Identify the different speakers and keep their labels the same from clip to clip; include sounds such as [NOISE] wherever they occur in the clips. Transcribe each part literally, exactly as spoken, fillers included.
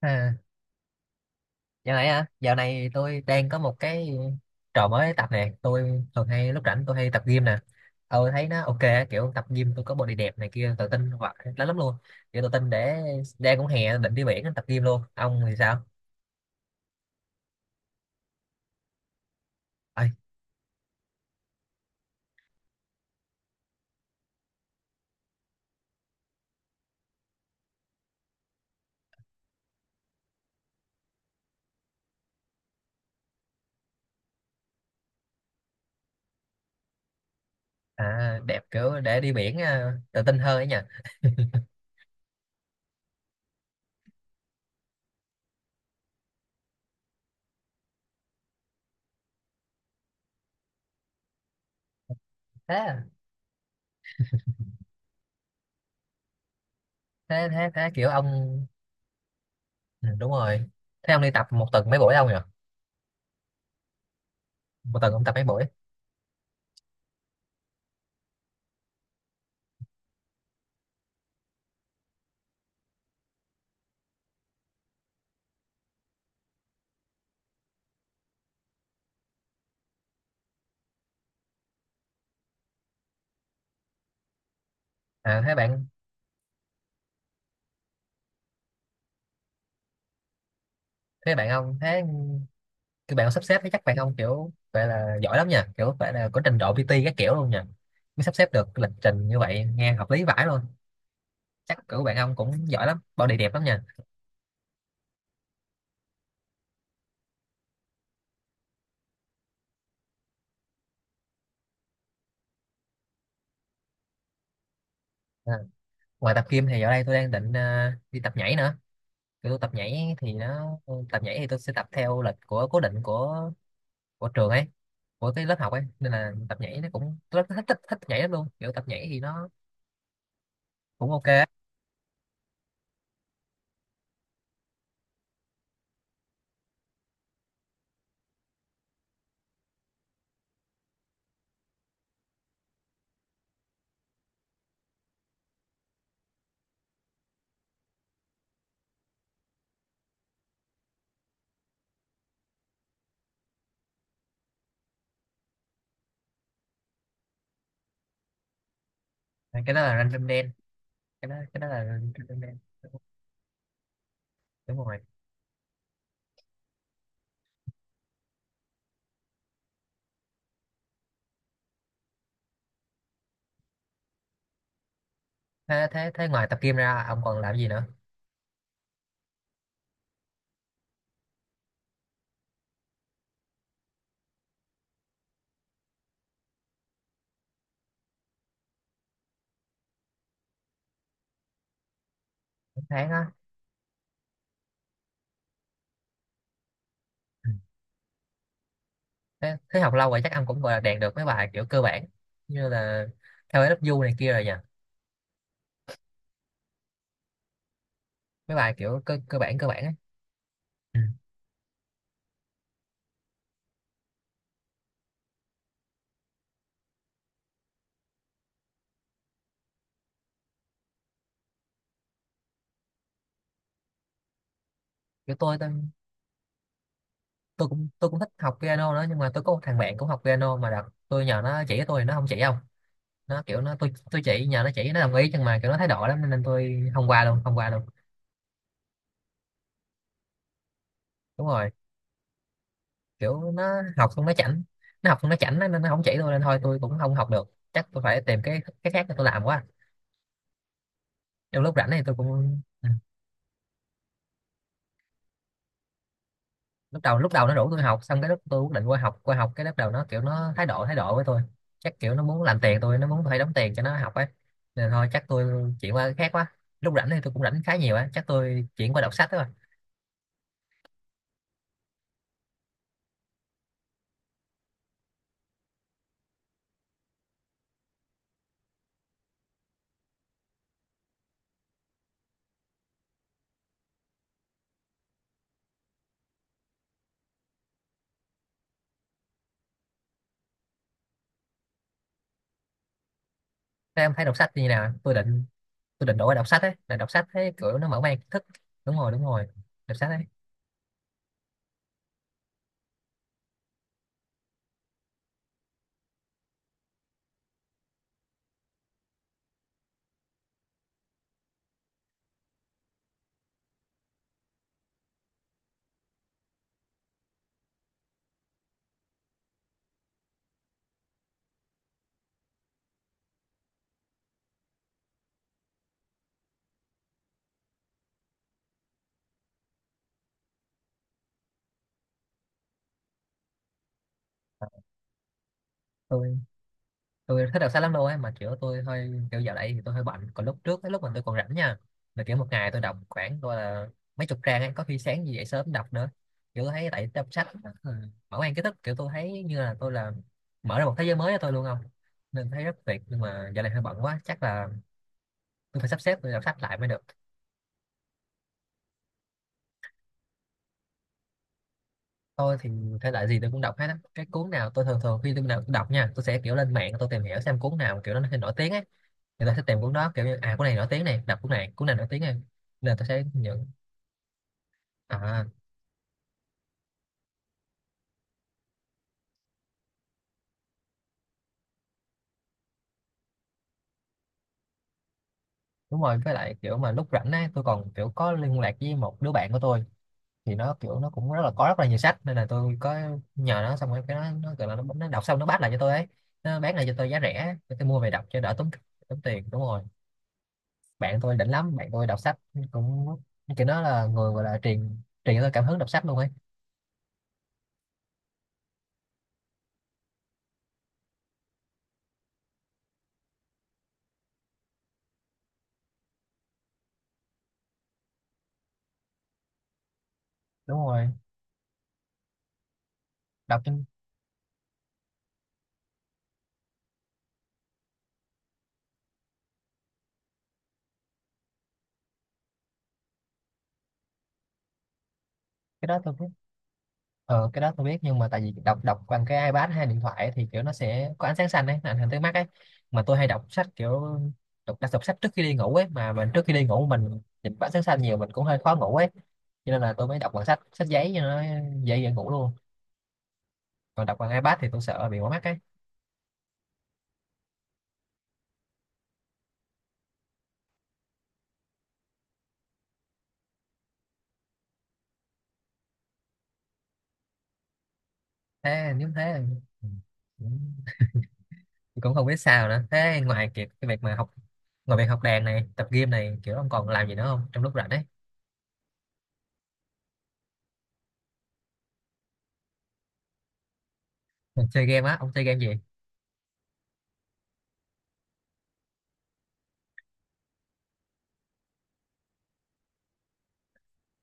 Speaker 1: À, dạo này á, dạo này tôi đang có một cái trò mới tập nè, tôi thường hay lúc rảnh tôi hay tập gym nè. Ờ thấy nó ok á, kiểu tập gym tôi có body đẹp này kia tự tin hoặc lắm lắm luôn. Kiểu tự tin để đang cũng hè định đi biển tập gym luôn. Ông thì sao? Ơi, à, đẹp kiểu để đi biển à, tự tin hơn ấy nhỉ. [LAUGHS] Thế à, thế thế thế kiểu ông ừ, đúng rồi. Thế ông đi tập một tuần mấy buổi ông nhỉ? Một tuần ông tập mấy buổi? À thế bạn thế bạn ông thế các bạn sắp xếp thì chắc bạn không kiểu vậy là giỏi lắm nha, kiểu phải là có trình độ pi ti các kiểu luôn nha, mới sắp xếp được lịch trình như vậy nghe hợp lý vãi luôn. Chắc kiểu bạn ông cũng giỏi lắm, body đẹp lắm nha. À, ngoài tập gym thì giờ đây tôi đang định ờ, đi tập nhảy nữa. Kiểu tôi tập nhảy thì nó tập nhảy thì tôi sẽ tập theo lịch của cố định của của trường ấy, của cái lớp học ấy, nên là tập nhảy nó cũng tôi rất thích, thích thích nhảy lắm luôn. Kiểu tập nhảy thì nó cũng ok á. Cái đó là random dance, cái đó cái đó là random dance. Đúng rồi. Thế thế thế ngoài tập gym ra ông còn làm gì nữa? Một tháng á? Ừ. Thế, thế học lâu rồi chắc ông cũng gọi là đạt được mấy bài kiểu cơ bản, như là theo lớp du này kia rồi nhỉ, mấy bài kiểu cơ cơ bản cơ bản ấy. Ừ. kiểu tôi, tôi tôi cũng tôi cũng thích học piano nữa, nhưng mà tôi có một thằng bạn cũng học piano, mà đợt tôi nhờ nó chỉ cho tôi nó không chỉ. Không, nó kiểu nó tôi tôi chỉ nhờ nó chỉ, nó đồng ý nhưng mà kiểu nó thái độ lắm nên tôi không qua luôn, không qua luôn. Đúng rồi. Kiểu nó học không nó chảnh, nó học không nó chảnh nên nó không chỉ tôi, nên thôi tôi cũng không học được, chắc tôi phải tìm cái cái khác để tôi làm quá. Trong lúc rảnh này tôi cũng à, lúc đầu lúc đầu nó rủ tôi học, xong cái lúc tôi quyết định qua học, qua học cái lúc đầu nó kiểu nó thái độ thái độ với tôi. Chắc kiểu nó muốn làm tiền tôi, nó muốn phải đóng tiền cho nó học ấy, nên thôi chắc tôi chuyển qua cái khác quá. Lúc rảnh thì tôi cũng rảnh khá nhiều á, chắc tôi chuyển qua đọc sách đó. Các em thấy đọc sách như thế nào? Tôi định, tôi định đổi qua đọc sách ấy, là đọc sách thấy kiểu nó mở mang kiến thức. Đúng rồi đúng rồi, đọc sách ấy. Tôi tôi thích đọc sách lắm luôn ấy, mà kiểu tôi hơi kiểu giờ đấy thì tôi hơi bận, còn lúc trước cái lúc mà tôi còn rảnh nha, là kiểu một ngày tôi đọc khoảng tôi là mấy chục trang ấy, có khi sáng gì dậy sớm đọc nữa. Kiểu thấy tại đọc sách ừ, mở mang kiến thức, kiểu tôi thấy như là tôi là mở ra một thế giới mới cho tôi luôn không, nên thấy rất tuyệt. Nhưng mà giờ này hơi bận quá chắc là tôi phải sắp xếp tôi đọc sách lại mới được. Tôi thì thể loại gì tôi cũng đọc hết á. Cái cuốn nào tôi thường thường khi tôi đọc, đọc nha, tôi sẽ kiểu lên mạng tôi tìm hiểu xem cuốn nào kiểu nó nổi tiếng ấy, người ta sẽ tìm cuốn đó, kiểu như à cuốn này nổi tiếng này, đọc cuốn này, cuốn này nổi tiếng này, nên là tôi sẽ nhận. À đúng rồi, với lại kiểu mà lúc rảnh ấy, tôi còn kiểu có liên lạc với một đứa bạn của tôi, thì nó kiểu nó cũng rất là có rất là nhiều sách, nên là tôi có nhờ nó, xong rồi cái nó nó kiểu là nó, nó đọc xong nó bắt lại cho tôi ấy, nó bán lại cho tôi giá rẻ để tôi mua về đọc cho đỡ tốn, tốn tiền. Đúng rồi, bạn tôi đỉnh lắm, bạn tôi đọc sách cũng kiểu nó là người gọi là truyền truyền cho tôi cảm hứng đọc sách luôn ấy. Đúng rồi. Đọc trên cái đó tôi ờ cái đó tôi biết, nhưng mà tại vì đọc đọc bằng cái iPad hay điện thoại ấy, thì kiểu nó sẽ có ánh sáng xanh ấy, nó ảnh hưởng tới mắt ấy. Mà tôi hay đọc sách kiểu đọc đọc, đọc sách trước khi đi ngủ ấy, mà mình trước khi đi ngủ mình nhìn ánh sáng xanh nhiều mình cũng hơi khó ngủ ấy, cho nên là tôi mới đọc bằng sách sách giấy cho nó dễ dễ ngủ luôn. Còn đọc bằng iPad thì tôi sợ bị mỏi mắt ấy. Thế nếu thế ừ, cũng cũng không biết sao nữa. Thế ngoài việc cái việc mà học, ngoài việc học đàn này tập game này, kiểu ông còn làm gì nữa không trong lúc rảnh ấy? Mình chơi game á? Ông chơi game gì?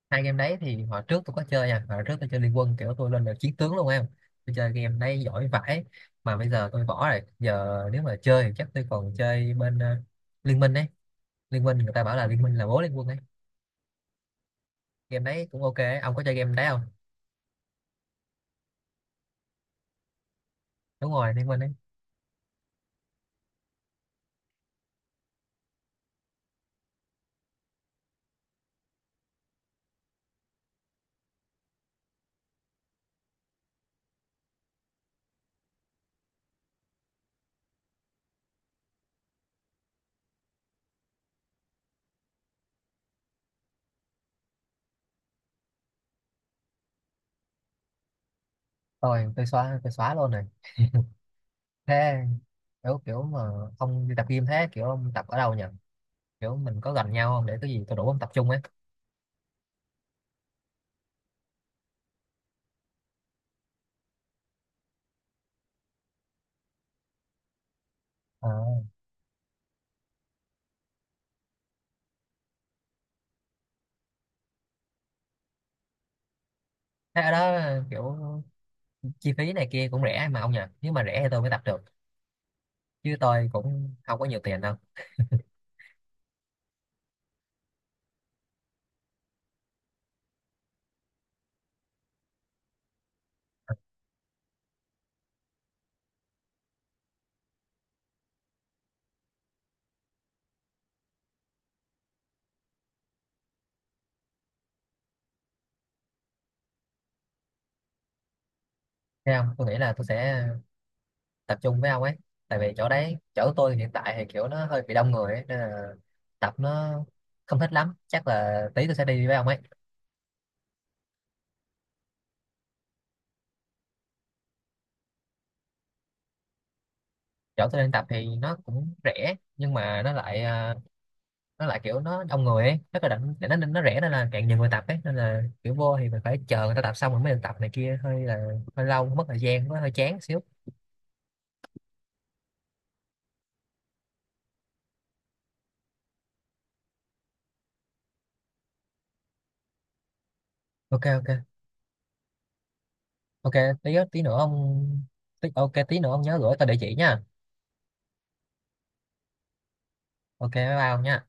Speaker 1: Hai game đấy thì hồi trước tôi có chơi nha, hồi trước tôi chơi Liên Quân, kiểu tôi lên được chiến tướng luôn em, tôi chơi game đấy giỏi vãi. Mà bây giờ tôi bỏ rồi, giờ nếu mà chơi thì chắc tôi còn chơi bên ờ, Liên Minh ấy. Liên Minh người ta bảo là Liên Minh là bố Liên Quân ấy, game đấy cũng ok ấy. Ông có chơi game đấy không? Đúng rồi, Liên Minh ấy. Tôi tôi xóa, tôi xóa luôn rồi. Thế kiểu kiểu mà ông đi tập game, thế kiểu ông tập ở đâu nhỉ? Kiểu mình có gần nhau không để cái gì tôi đủ ông tập trung ấy. Ờ. Thế ở đó kiểu chi phí này kia cũng rẻ mà ông nhỉ? Nếu mà rẻ thì tôi mới tập được, chứ tôi cũng không có nhiều tiền đâu. Thế không, tôi nghĩ là tôi sẽ tập trung với ông ấy. Tại vì chỗ đấy chỗ tôi hiện tại thì kiểu nó hơi bị đông người ấy, nên là tập nó không thích lắm, chắc là tí tôi sẽ đi với ông ấy. Chỗ tôi đang tập thì nó cũng rẻ nhưng mà nó lại à, nó lại kiểu nó đông người ấy, nó có định nó nó rẻ nên là càng nhiều người tập ấy, nên là kiểu vô thì mình phải chờ người ta tập xong rồi mới được tập này kia, hơi là hơi lâu mất thời gian, nó hơi chán xíu. Ok ok ok, tí tí nữa ông, tí, ok tí nữa ông nhớ gửi tôi địa chỉ nha. Ok, bye bye ông nha.